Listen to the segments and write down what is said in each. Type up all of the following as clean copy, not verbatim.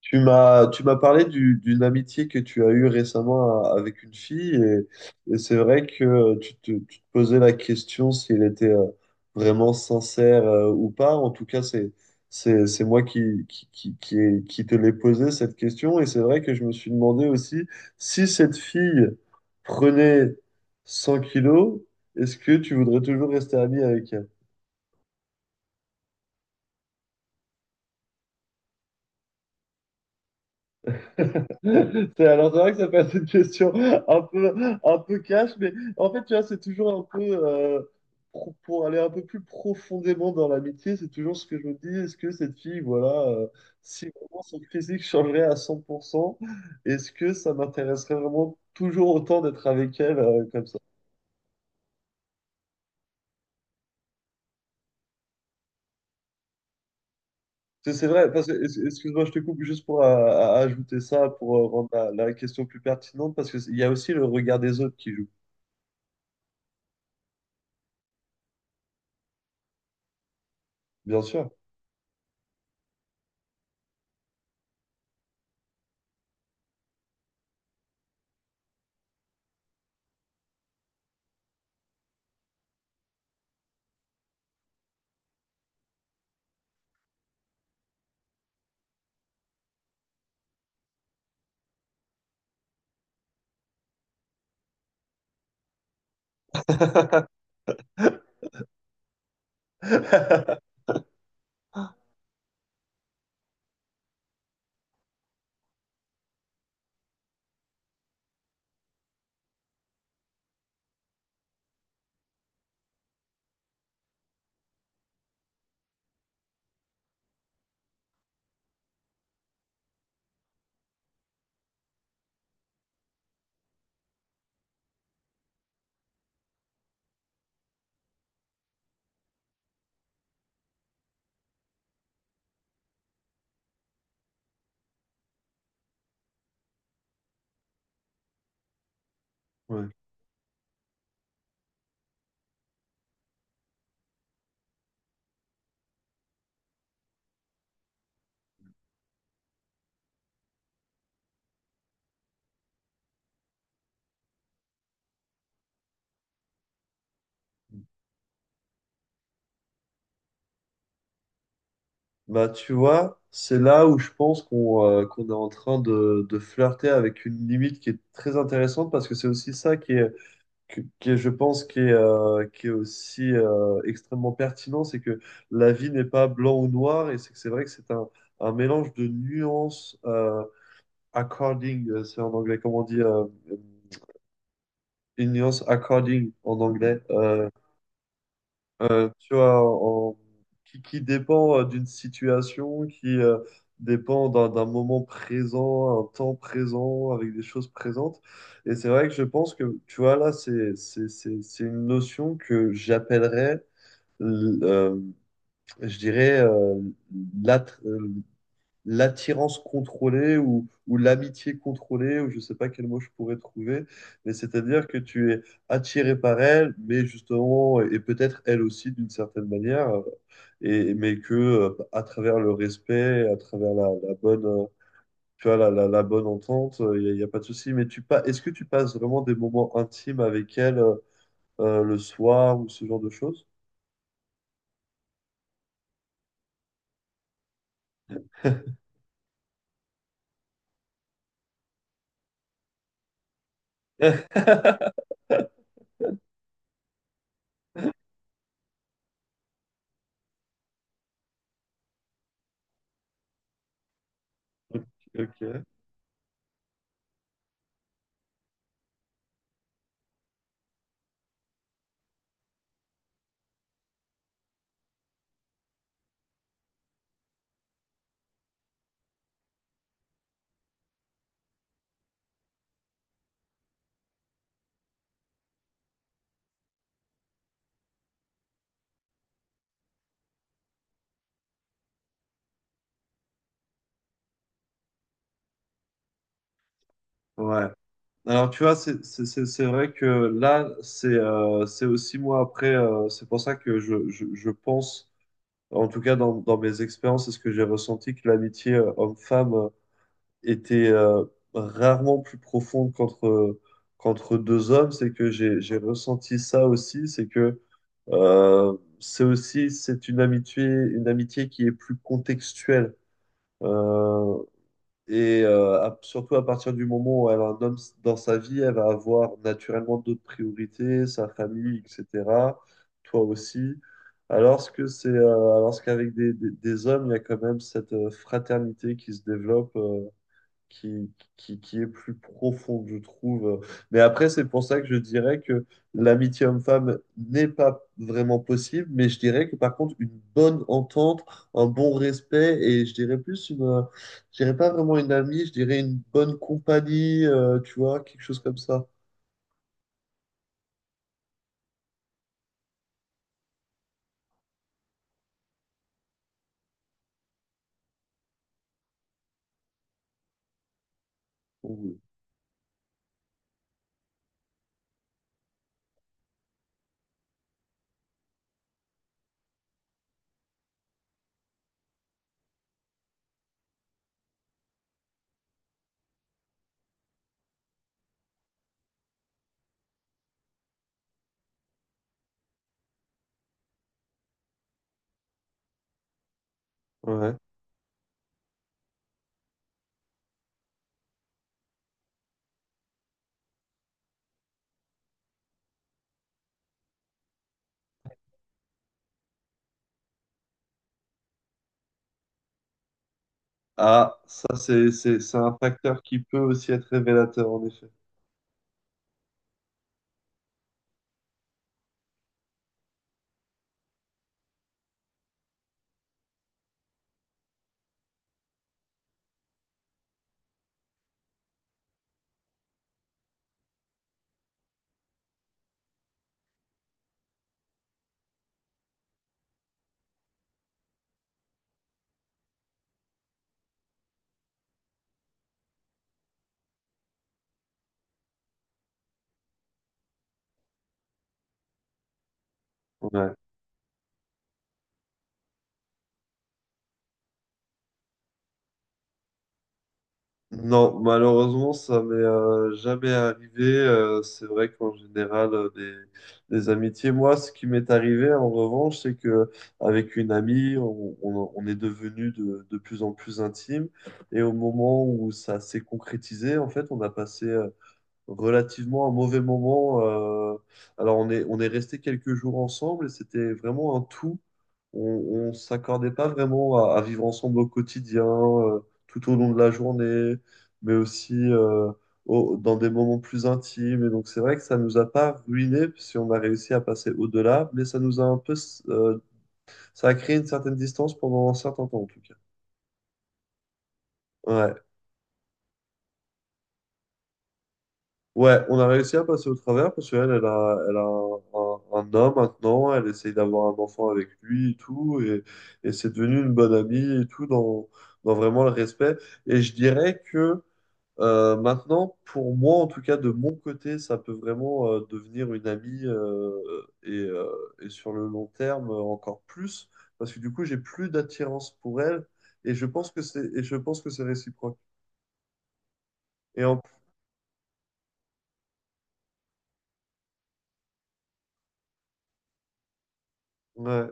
Tu m'as parlé d'une amitié que tu as eue récemment avec une fille et c'est vrai que tu te posais la question si elle était vraiment sincère ou pas. En tout cas, c'est moi qui te l'ai posé cette question et c'est vrai que je me suis demandé aussi si cette fille prenait 100 kilos, est-ce que tu voudrais toujours rester ami avec elle? Alors, c'est vrai que ça peut être une question un peu cash, mais en fait, tu vois, c'est toujours un peu, euh, pour aller un peu plus profondément dans l'amitié, c'est toujours ce que je me dis, est-ce que cette fille, voilà, si vraiment son physique changerait à 100%, est-ce que ça m'intéresserait vraiment toujours autant d'être avec elle, comme ça? C'est vrai, parce que, excuse-moi, je te coupe juste pour ajouter ça, pour rendre la question plus pertinente, parce qu'il y a aussi le regard des autres qui joue, bien sûr. Ouais. Bah, tu vois, c'est là où je pense qu'on est en train de flirter avec une limite qui est très intéressante parce que c'est aussi ça qui est, qui est, je pense, qui est aussi extrêmement pertinent. C'est que la vie n'est pas blanc ou noir et c'est que c'est vrai que c'est un mélange de nuances, according, c'est en anglais, comment on dit? Une nuance according en anglais. Euh, Tu vois, qui dépend, d'une situation, qui dépend d'un moment présent, un temps présent, avec des choses présentes. Et c'est vrai que je pense que, tu vois, là, c'est une notion que j'appellerais, l- euh, je dirais, l'attirance contrôlée ou l'amitié contrôlée, ou je ne sais pas quel mot je pourrais trouver, mais c'est-à-dire que tu es attiré par elle, mais justement, et peut-être elle aussi d'une certaine manière, et, mais que à travers le respect, à travers la bonne, tu vois, la bonne entente, il n'y a, y a pas de souci. Mais tu pas, est-ce que tu passes vraiment des moments intimes avec elle, le soir ou ce genre de choses? Ok. Ouais. Alors, tu vois, c'est vrai que là, c'est, c'est aussi moi après, c'est pour ça que je pense, en tout cas dans, dans mes expériences, et ce que j'ai ressenti, que l'amitié, homme-femme, était, rarement plus profonde qu'entre deux hommes. C'est que j'ai ressenti ça aussi, c'est que, c'est aussi c'est une amitié qui est plus contextuelle. Euh, et surtout à partir du moment où elle a un homme dans sa vie, elle va avoir naturellement d'autres priorités, sa famille, etc. Toi aussi. Alors que c'est, euh, alors qu'avec des hommes, il y a quand même cette fraternité qui se développe, qui, qui est plus profonde, je trouve. Mais après, c'est pour ça que je dirais que l'amitié homme-femme n'est pas vraiment possible, mais je dirais que par contre, une bonne entente, un bon respect, et je dirais plus je dirais pas vraiment une amie, je dirais une bonne compagnie, tu vois, quelque chose comme ça. Oui. Ouais. Ah, ça, c'est un facteur qui peut aussi être révélateur, en effet. Ouais. Non, malheureusement, ça m'est jamais arrivé. C'est vrai qu'en général, des amitiés. Moi, ce qui m'est arrivé, en revanche, c'est que avec une amie, on est devenu de plus en plus intime. Et au moment où ça s'est concrétisé, en fait, on a passé, relativement un mauvais moment. Alors, on est resté quelques jours ensemble et c'était vraiment un tout. On ne s'accordait pas vraiment à vivre ensemble au quotidien, tout au long de la journée, mais aussi, dans des moments plus intimes. Et donc, c'est vrai que ça nous a pas ruiné si on a réussi à passer au-delà, mais ça nous a euh, ça a créé une certaine distance pendant un certain temps, en tout cas. Ouais. Ouais, on a réussi à passer au travers parce qu'elle a un homme maintenant, elle essaye d'avoir un enfant avec lui et tout, et c'est devenu une bonne amie et tout, dans, dans vraiment le respect. Et je dirais que, maintenant, pour moi, en tout cas, de mon côté, ça peut vraiment, devenir une amie, et, euh, et sur le long terme, encore plus, parce que du coup, j'ai plus d'attirance pour elle, et je pense que c'est réciproque. Et en, ouais.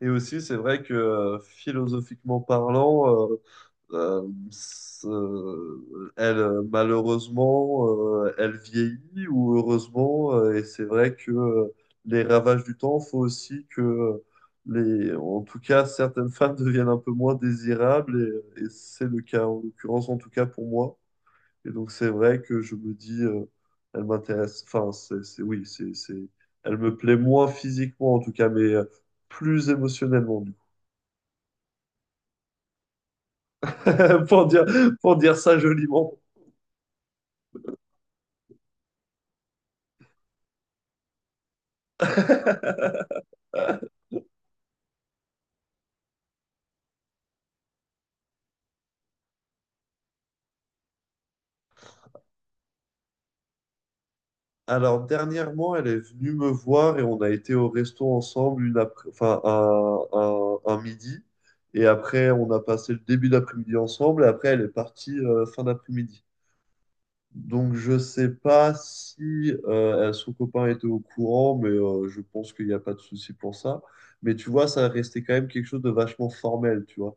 Et aussi, c'est vrai que, philosophiquement parlant, elle, malheureusement, elle vieillit ou heureusement, et c'est vrai que, les ravages du temps font aussi que, en tout cas, certaines femmes deviennent un peu moins désirables, et c'est le cas en l'occurrence, en tout cas pour moi. Et donc, c'est vrai que je me dis, elle m'intéresse, enfin, oui, elle me plaît moins physiquement en tout cas, mais, plus émotionnellement. pour dire, pour dire ça joliment. Alors, dernièrement, elle est venue me voir et on a été au resto ensemble enfin, un midi. Et après, on a passé le début d'après-midi ensemble. Et après, elle est partie, fin d'après-midi. Donc, je sais pas si, son copain était au courant, mais, je pense qu'il n'y a pas de souci pour ça. Mais tu vois, ça restait quand même quelque chose de vachement formel, tu vois.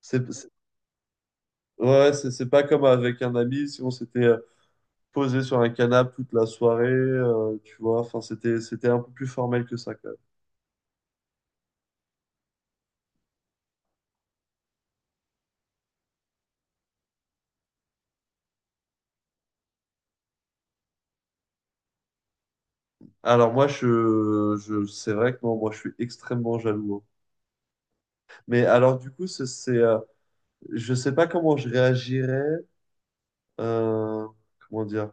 C'est, c'est- ouais, c'est pas comme avec un ami, si on s'était, posé sur un canapé toute la soirée, tu vois. Enfin, c'était un peu plus formel que ça, quand même. Alors, moi, c'est vrai que non, moi, je suis extrêmement jaloux, hein. Mais alors, du coup, je sais pas comment je réagirais. euh, comment dire?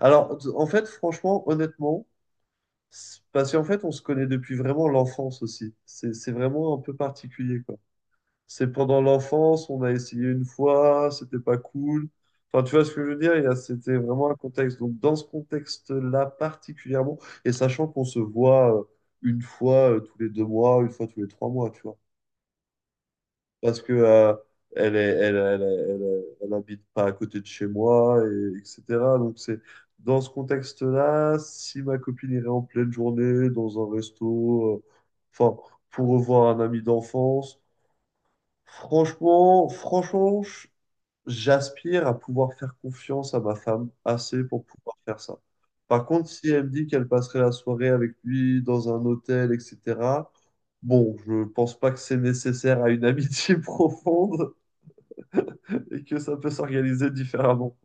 Alors, en fait, franchement, honnêtement, parce qu'en fait, on se connaît depuis vraiment l'enfance aussi. C'est vraiment un peu particulier, quoi. C'est pendant l'enfance, on a essayé une fois, c'était pas cool. Enfin, tu vois ce que je veux dire? C'était vraiment un contexte. Donc, dans ce contexte-là particulièrement, et sachant qu'on se voit, une fois, tous les 2 mois, une fois tous les 3 mois, tu vois. Parce que, elle est, elle, elle, elle, elle habite pas à côté de chez moi, et, etc. Donc, c'est dans ce contexte-là, si ma copine irait en pleine journée dans un resto, enfin, pour revoir un ami d'enfance. Franchement, franchement, j'aspire à pouvoir faire confiance à ma femme assez pour pouvoir faire ça. Par contre, si elle me dit qu'elle passerait la soirée avec lui dans un hôtel, etc., bon, je pense pas que c'est nécessaire à une amitié profonde et que ça peut s'organiser différemment.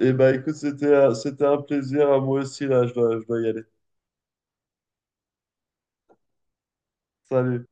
Eh ben, écoute, c'était un plaisir à moi aussi, là, je dois y aller. Salut.